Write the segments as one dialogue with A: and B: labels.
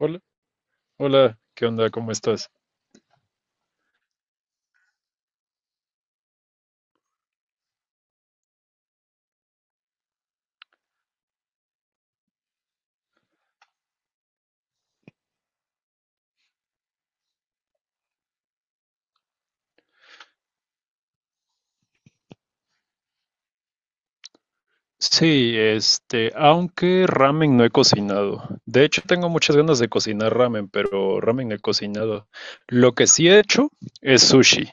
A: Hola, ¿qué onda? ¿Cómo estás? Sí, aunque ramen no he cocinado. De hecho, tengo muchas ganas de cocinar ramen, pero ramen no he cocinado. Lo que sí he hecho es sushi.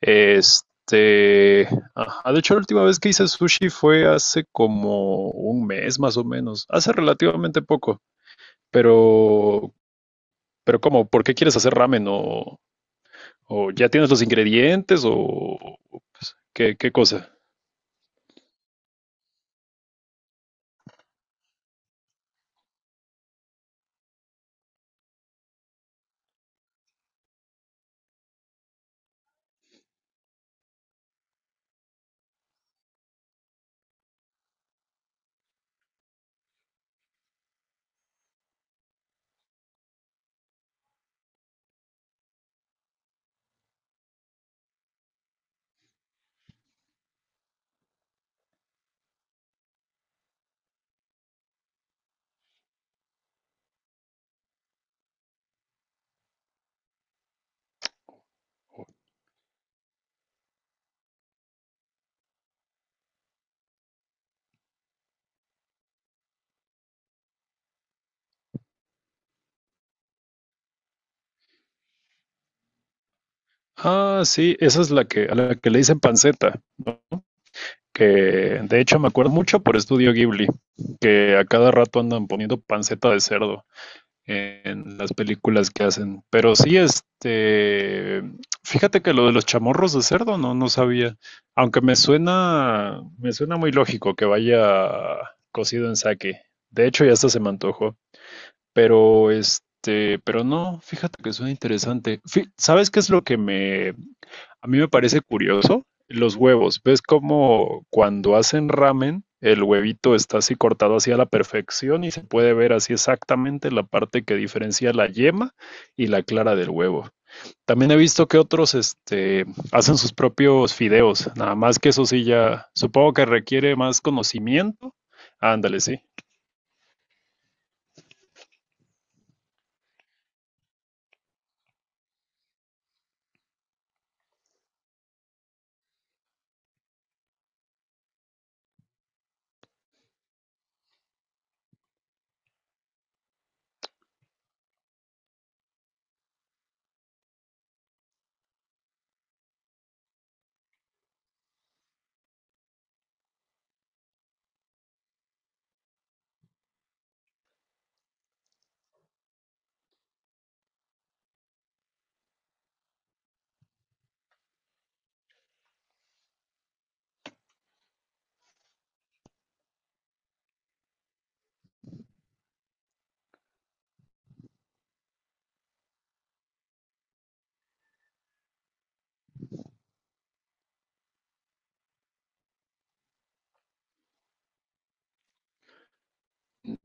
A: Este, ajá, de hecho, la última vez que hice sushi fue hace como un mes más o menos, hace relativamente poco. Pero, pero ¿cómo? ¿Por qué quieres hacer ramen? ¿O ya tienes los ingredientes? ¿O pues, qué cosa? Ah, sí, esa es a la que le dicen panceta, que de hecho me acuerdo mucho por Estudio Ghibli, que a cada rato andan poniendo panceta de cerdo en las películas que hacen. Pero sí, fíjate que lo de los chamorros de cerdo no sabía, aunque me suena muy lógico que vaya cocido en sake. De hecho, ya hasta se me antojó. Pero pero no, fíjate que suena interesante. ¿Sabes qué es lo que me a mí me parece curioso? Los huevos. ¿Ves cómo cuando hacen ramen el huevito está así cortado así a la perfección y se puede ver así exactamente la parte que diferencia la yema y la clara del huevo? También he visto que otros hacen sus propios fideos, nada más que eso sí ya supongo que requiere más conocimiento. Ándale, sí.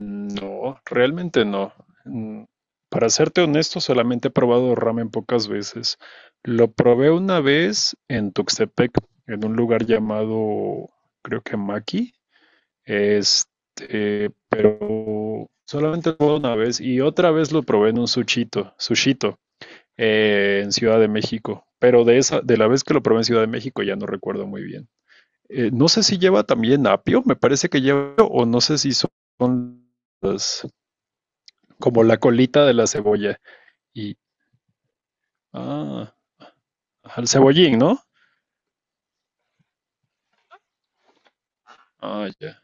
A: No, realmente no. Mm, para serte honesto, solamente he probado ramen pocas veces. Lo probé una vez en Tuxtepec, en un lugar llamado, creo que Maki. Pero solamente lo probé una vez y otra vez lo probé en un sushito, en Ciudad de México. Pero de esa, de la vez que lo probé en Ciudad de México ya no recuerdo muy bien. No sé si lleva también apio, me parece que lleva, apio, o no sé si son las como la colita de la cebolla. Y, ah, al cebollín, ¿no? Ah, ya.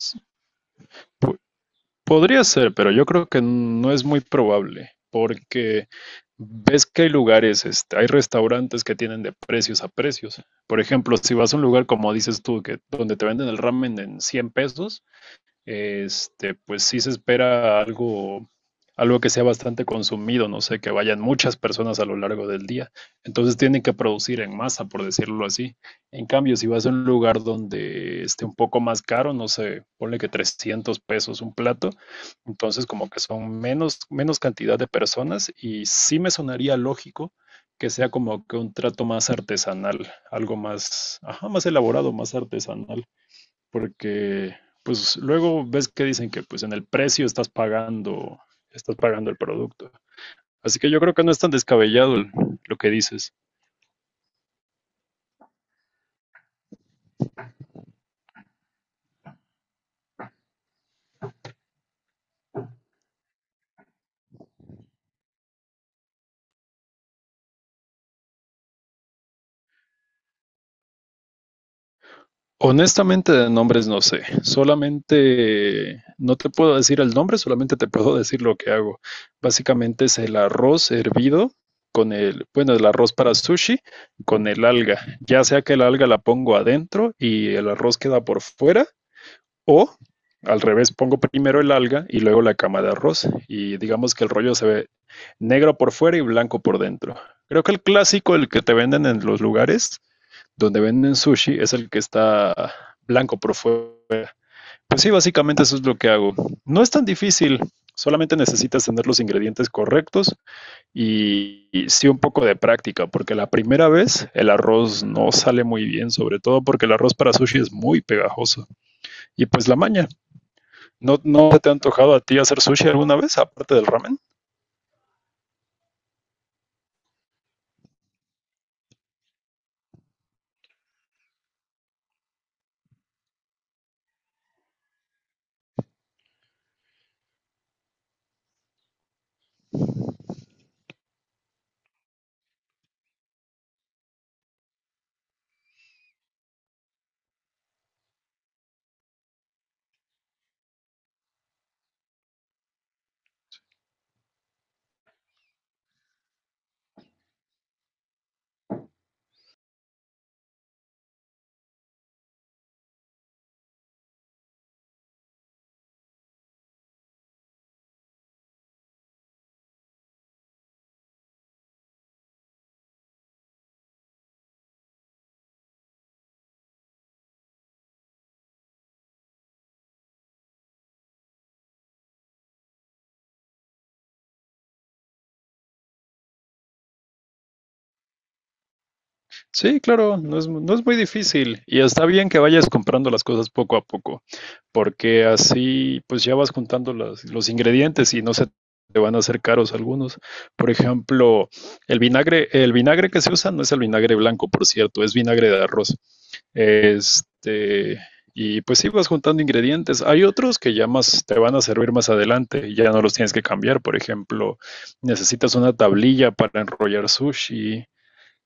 A: S- Podría ser, pero yo creo que no es muy probable, porque ves que hay lugares, hay restaurantes que tienen de precios a precios. Por ejemplo, si vas a un lugar como dices tú, que donde te venden el ramen en 100 pesos, pues sí se espera algo que sea bastante consumido, no sé, que vayan muchas personas a lo largo del día. Entonces tienen que producir en masa, por decirlo así. En cambio, si vas a un lugar donde esté un poco más caro, no sé, ponle que 300 pesos un plato, entonces como que son menos cantidad de personas y sí me sonaría lógico que sea como que un trato más artesanal, algo más, ajá, más elaborado, más artesanal porque pues luego ves que dicen que pues en el precio estás estás pagando el producto. Así que yo creo que no es tan descabellado lo que dices. Honestamente de nombres no sé, solamente no te puedo decir el nombre, solamente te puedo decir lo que hago. Básicamente es el arroz hervido con el arroz para sushi con el alga, ya sea que el alga la pongo adentro y el arroz queda por fuera, o al revés, pongo primero el alga y luego la cama de arroz y digamos que el rollo se ve negro por fuera y blanco por dentro. Creo que el clásico, el que te venden en los lugares donde venden sushi, es el que está blanco por fuera. Pues sí, básicamente eso es lo que hago. No es tan difícil, solamente necesitas tener los ingredientes correctos y sí un poco de práctica, porque la primera vez el arroz no sale muy bien, sobre todo porque el arroz para sushi es muy pegajoso. Y pues la maña, ¿no te ha antojado a ti hacer sushi alguna vez, aparte del ramen? Sí, claro, no es muy difícil y está bien que vayas comprando las cosas poco a poco, porque así pues ya vas juntando los ingredientes y no se te van a hacer caros algunos. Por ejemplo, el vinagre que se usa no es el vinagre blanco, por cierto, es vinagre de arroz. Este, y pues sí vas juntando ingredientes. Hay otros que ya más te van a servir más adelante y ya no los tienes que cambiar. Por ejemplo, necesitas una tablilla para enrollar sushi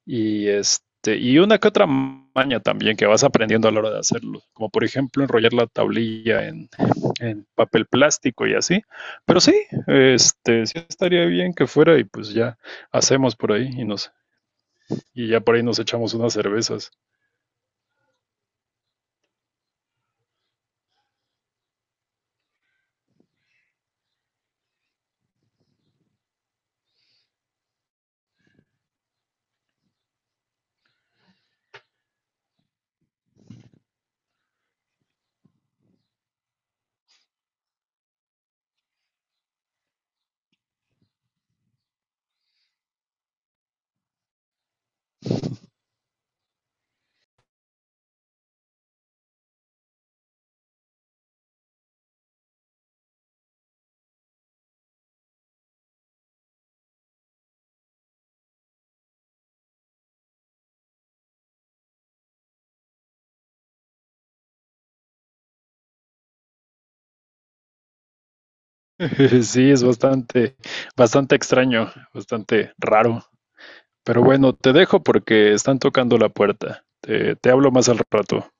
A: y y una que otra maña también que vas aprendiendo a la hora de hacerlo. Como por ejemplo enrollar la tablilla en papel plástico y así. Pero sí, este sí estaría bien que fuera y pues ya hacemos por ahí y ya por ahí nos echamos unas cervezas. Sí, es bastante extraño, bastante raro. Pero bueno, te dejo porque están tocando la puerta. Te hablo más al rato.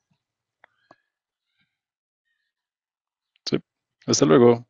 A: Sí. Hasta luego.